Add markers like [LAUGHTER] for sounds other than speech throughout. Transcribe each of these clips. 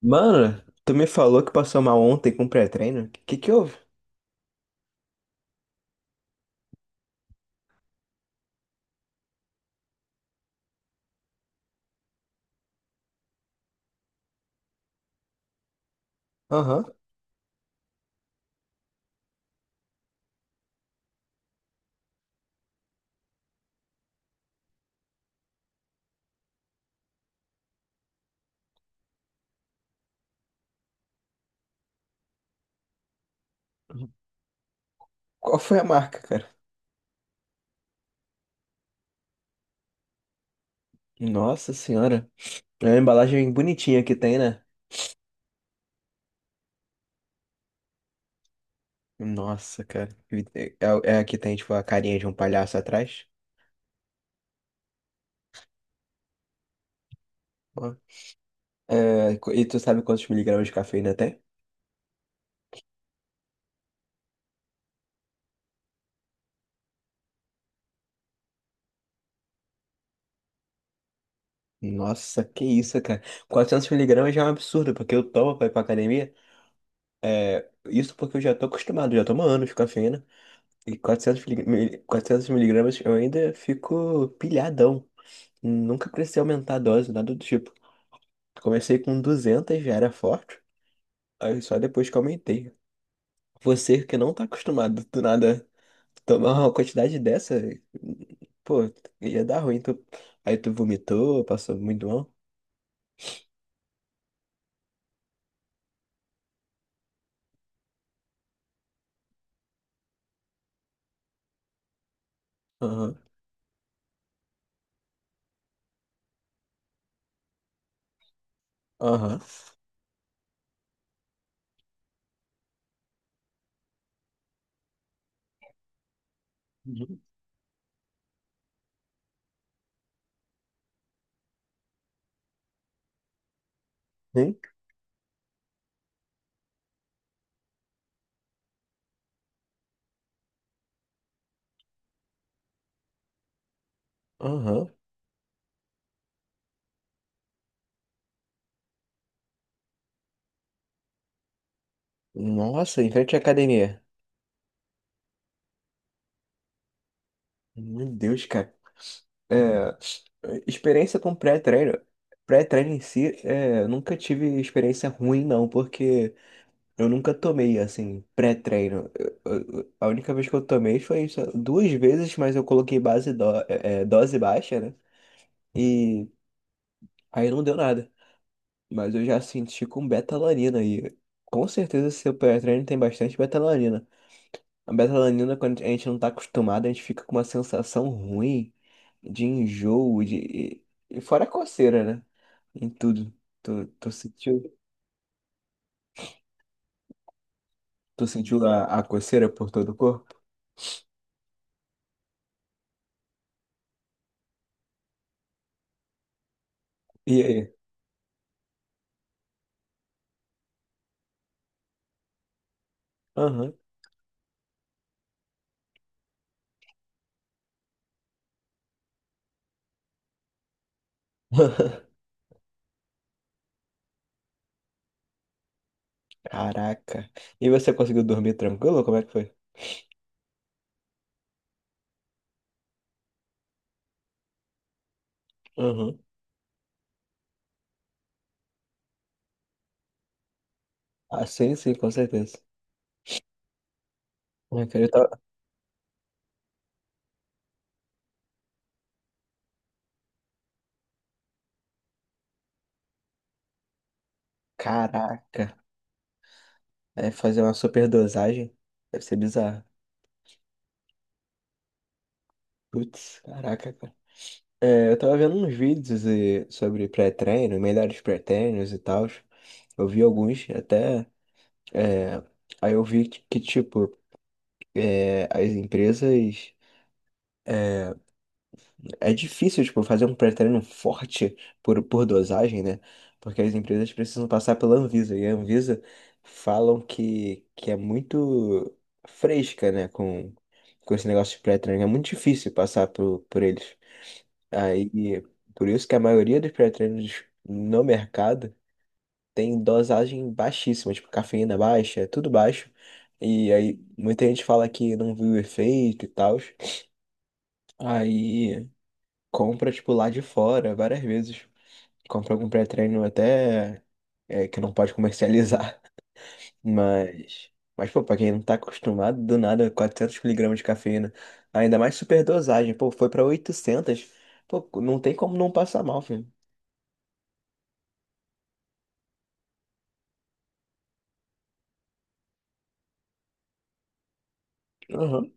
Mano, tu me falou que passou mal ontem com pré-treino? Que houve? Aham. Qual foi a marca, cara? Nossa senhora. É uma embalagem bonitinha que tem, né? Nossa, cara. É, é a que tem, tipo, a carinha de um palhaço atrás? Ó. É, e tu sabe quantos miligramas de cafeína tem? Nossa, que isso, cara. 400 miligramas já é um absurdo, porque eu tomo pra ir pra academia. É, isso porque eu já tô acostumado, já tomo anos de cafeína. E 400 miligramas eu ainda fico pilhadão. Nunca precisei aumentar a dose, nada do tipo. Comecei com 200 já era forte. Aí só depois que aumentei. Você que não tá acostumado do nada tomar uma quantidade dessa, pô, ia dar ruim. Tu... Aí tu vomitou, passou muito mal. Aham, aham. Uhum. Sim, aham. Nossa, em frente à academia. Meu Deus, cara. É, experiência com pré-treino. Pré-treino em si, é, nunca tive experiência ruim, não, porque. Eu nunca tomei, assim, pré-treino. A única vez que eu tomei foi só duas vezes, mas eu coloquei é, é, dose baixa, né? E aí não deu nada. Mas eu já senti com betalanina e com certeza seu pré-treino tem bastante betalanina. A betalanina, quando a gente não tá acostumado, a gente fica com uma sensação ruim de enjoo, de... E fora a coceira, né? Em tudo. Tu, tu sentiu a coceira por todo o corpo? E aí? Aham. [LAUGHS] Caraca. E você conseguiu dormir tranquilo? Como é que foi? Uhum. Ah, sim, sim, com certeza. Eu queria tá- Caraca. É fazer uma superdosagem. Deve ser bizarro. Putz, caraca, cara. É, eu tava vendo uns vídeos e- sobre pré-treino, melhores pré-treinos e tal. Eu vi alguns até. É, aí eu vi que, tipo, é, as empresas. É difícil, tipo, fazer um pré-treino forte por dosagem, né? Porque as empresas precisam passar pela Anvisa. E a Anvisa falam que é muito fresca, né? Com esse negócio de pré-treino. É muito difícil passar por eles. Aí, por isso que a maioria dos pré-treinos no mercado tem dosagem baixíssima, tipo, cafeína baixa, é tudo baixo. E aí, muita gente fala que não viu efeito e tal. Aí compra, tipo, lá de fora, várias vezes. Compra algum pré-treino até é, que não pode comercializar. [LAUGHS] Mas, mas, pô, pra quem não tá acostumado, do nada, 400 miligramas de cafeína. Ainda mais superdosagem, pô, foi pra oitocentos. Pô, não tem como não passar mal, filho. Aham,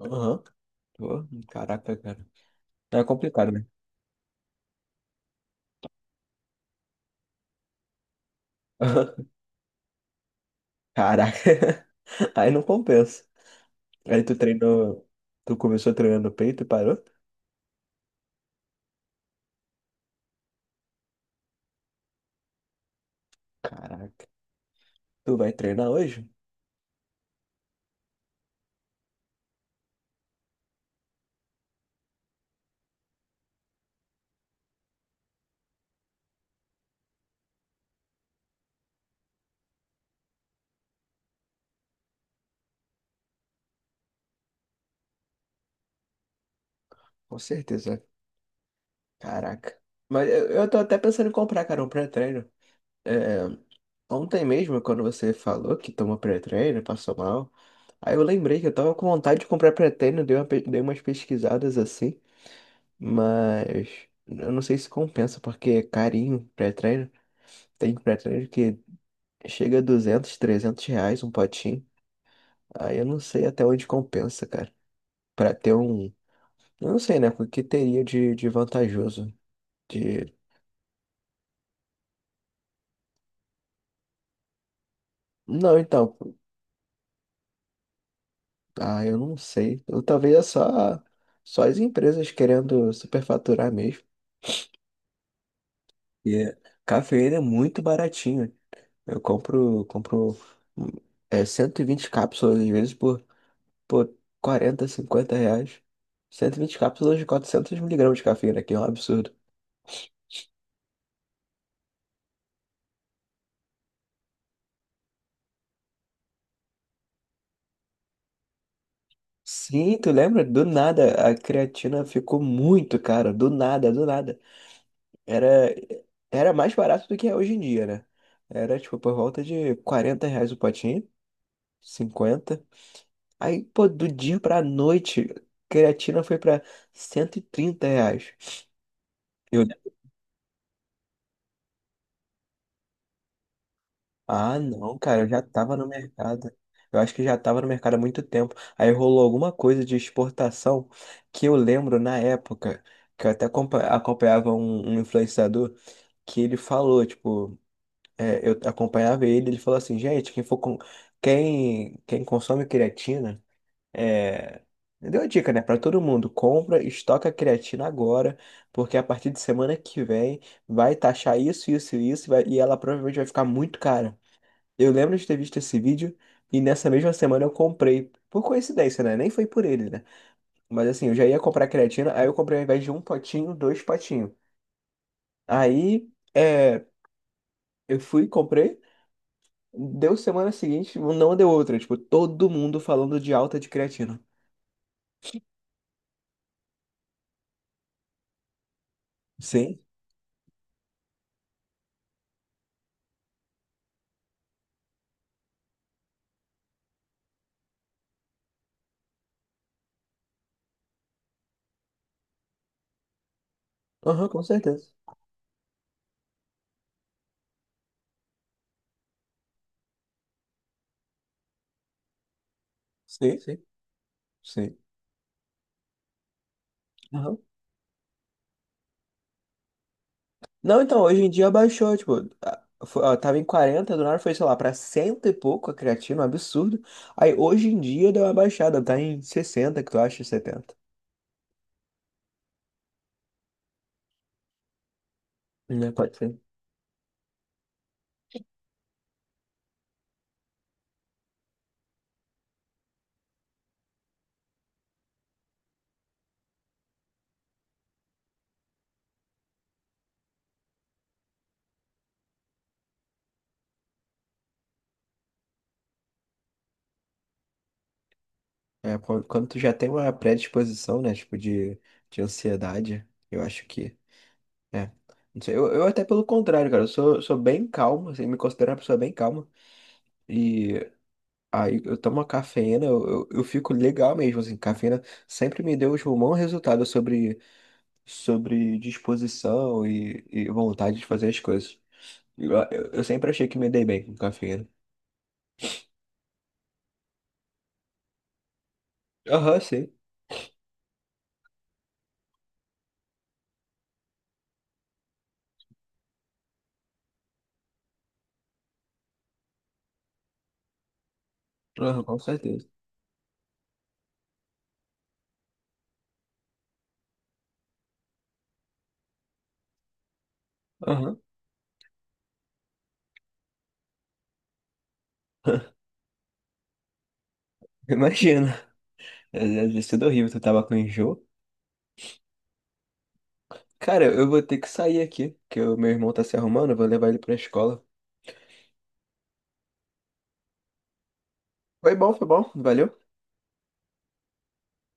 aham. Pô, caraca, cara. É complicado, né? [LAUGHS] Caraca. [LAUGHS] Aí não compensa. Aí tu treinou, tu começou treinando peito e parou? Caraca. Tu vai treinar hoje? Com certeza. Caraca. Mas eu tô até pensando em comprar, cara, um pré-treino. É, ontem mesmo, quando você falou que tomou pré-treino, passou mal, aí eu lembrei que eu tava com vontade de comprar pré-treino, dei uma, dei umas pesquisadas assim, mas eu não sei se compensa, porque é carinho pré-treino. Tem pré-treino que chega a 200, 300 reais um potinho. Aí eu não sei até onde compensa, cara, pra ter um... Eu não sei, né, o que teria de vantajoso, de... Não, então... Ah, eu não sei. Ou talvez é só, só as empresas querendo superfaturar mesmo. E é- cafeína é muito baratinho. Eu compro, compro hum, é, 120 cápsulas, às vezes, por 40, 50 reais. 120 cápsulas de 400 miligramas de cafeína, que é um absurdo. Sim, tu lembra? Do nada, a creatina ficou muito cara. Do nada, do nada. Era, era mais barato do que é hoje em dia, né? Era, tipo, por volta de 40 reais o potinho. Cinquenta. Aí, pô, do dia pra noite, creatina foi pra 130 reais. Eu, ah, não, cara, eu já tava no mercado. Eu acho que já tava no mercado há muito tempo. Aí rolou alguma coisa de exportação que eu lembro na época, que eu até acompanhava um influenciador, que ele falou, tipo, é, eu acompanhava ele, ele falou assim, gente, quem consome creatina. É, deu a dica, né, para todo mundo, compra, estoca a creatina agora, porque a partir de semana que vem vai taxar isso, isso e isso, e vai- e ela provavelmente vai ficar muito cara. Eu lembro de ter visto esse vídeo e nessa mesma semana eu comprei, por coincidência, né? Nem foi por ele, né? Mas assim, eu já ia comprar creatina, aí eu comprei ao invés de um potinho, dois potinhos. Aí, é, eu fui, comprei, deu semana seguinte, não deu outra, tipo, todo mundo falando de alta de creatina. Sim, aham, com certeza. Sim, sim, sim. Aham. Não, então, hoje em dia baixou, tipo, tava em 40 do nada foi, sei lá, pra cento e pouco a creatina, um absurdo. Aí hoje em dia deu uma baixada, tá em 60 que tu acha, setenta. Né, pode ser. É, quando tu já tem uma predisposição, né, tipo, de ansiedade, eu acho que, é. Não sei, eu até pelo contrário, cara, eu sou bem calmo, assim, me considero uma pessoa bem calma. Aí eu tomo a cafeína, eu fico legal mesmo, assim, cafeína sempre me deu tipo, um bom resultado sobre, sobre disposição e vontade de fazer as coisas. Eu sempre achei que me dei bem com cafeína. Aham, sim. Aham, com certeza. Aham. [LAUGHS] Imagina. É, deve ter sido horrível, tu tava com enjoo. Cara, eu vou ter que sair aqui, que o meu irmão tá se arrumando, eu vou levar ele pra escola. Foi bom, valeu.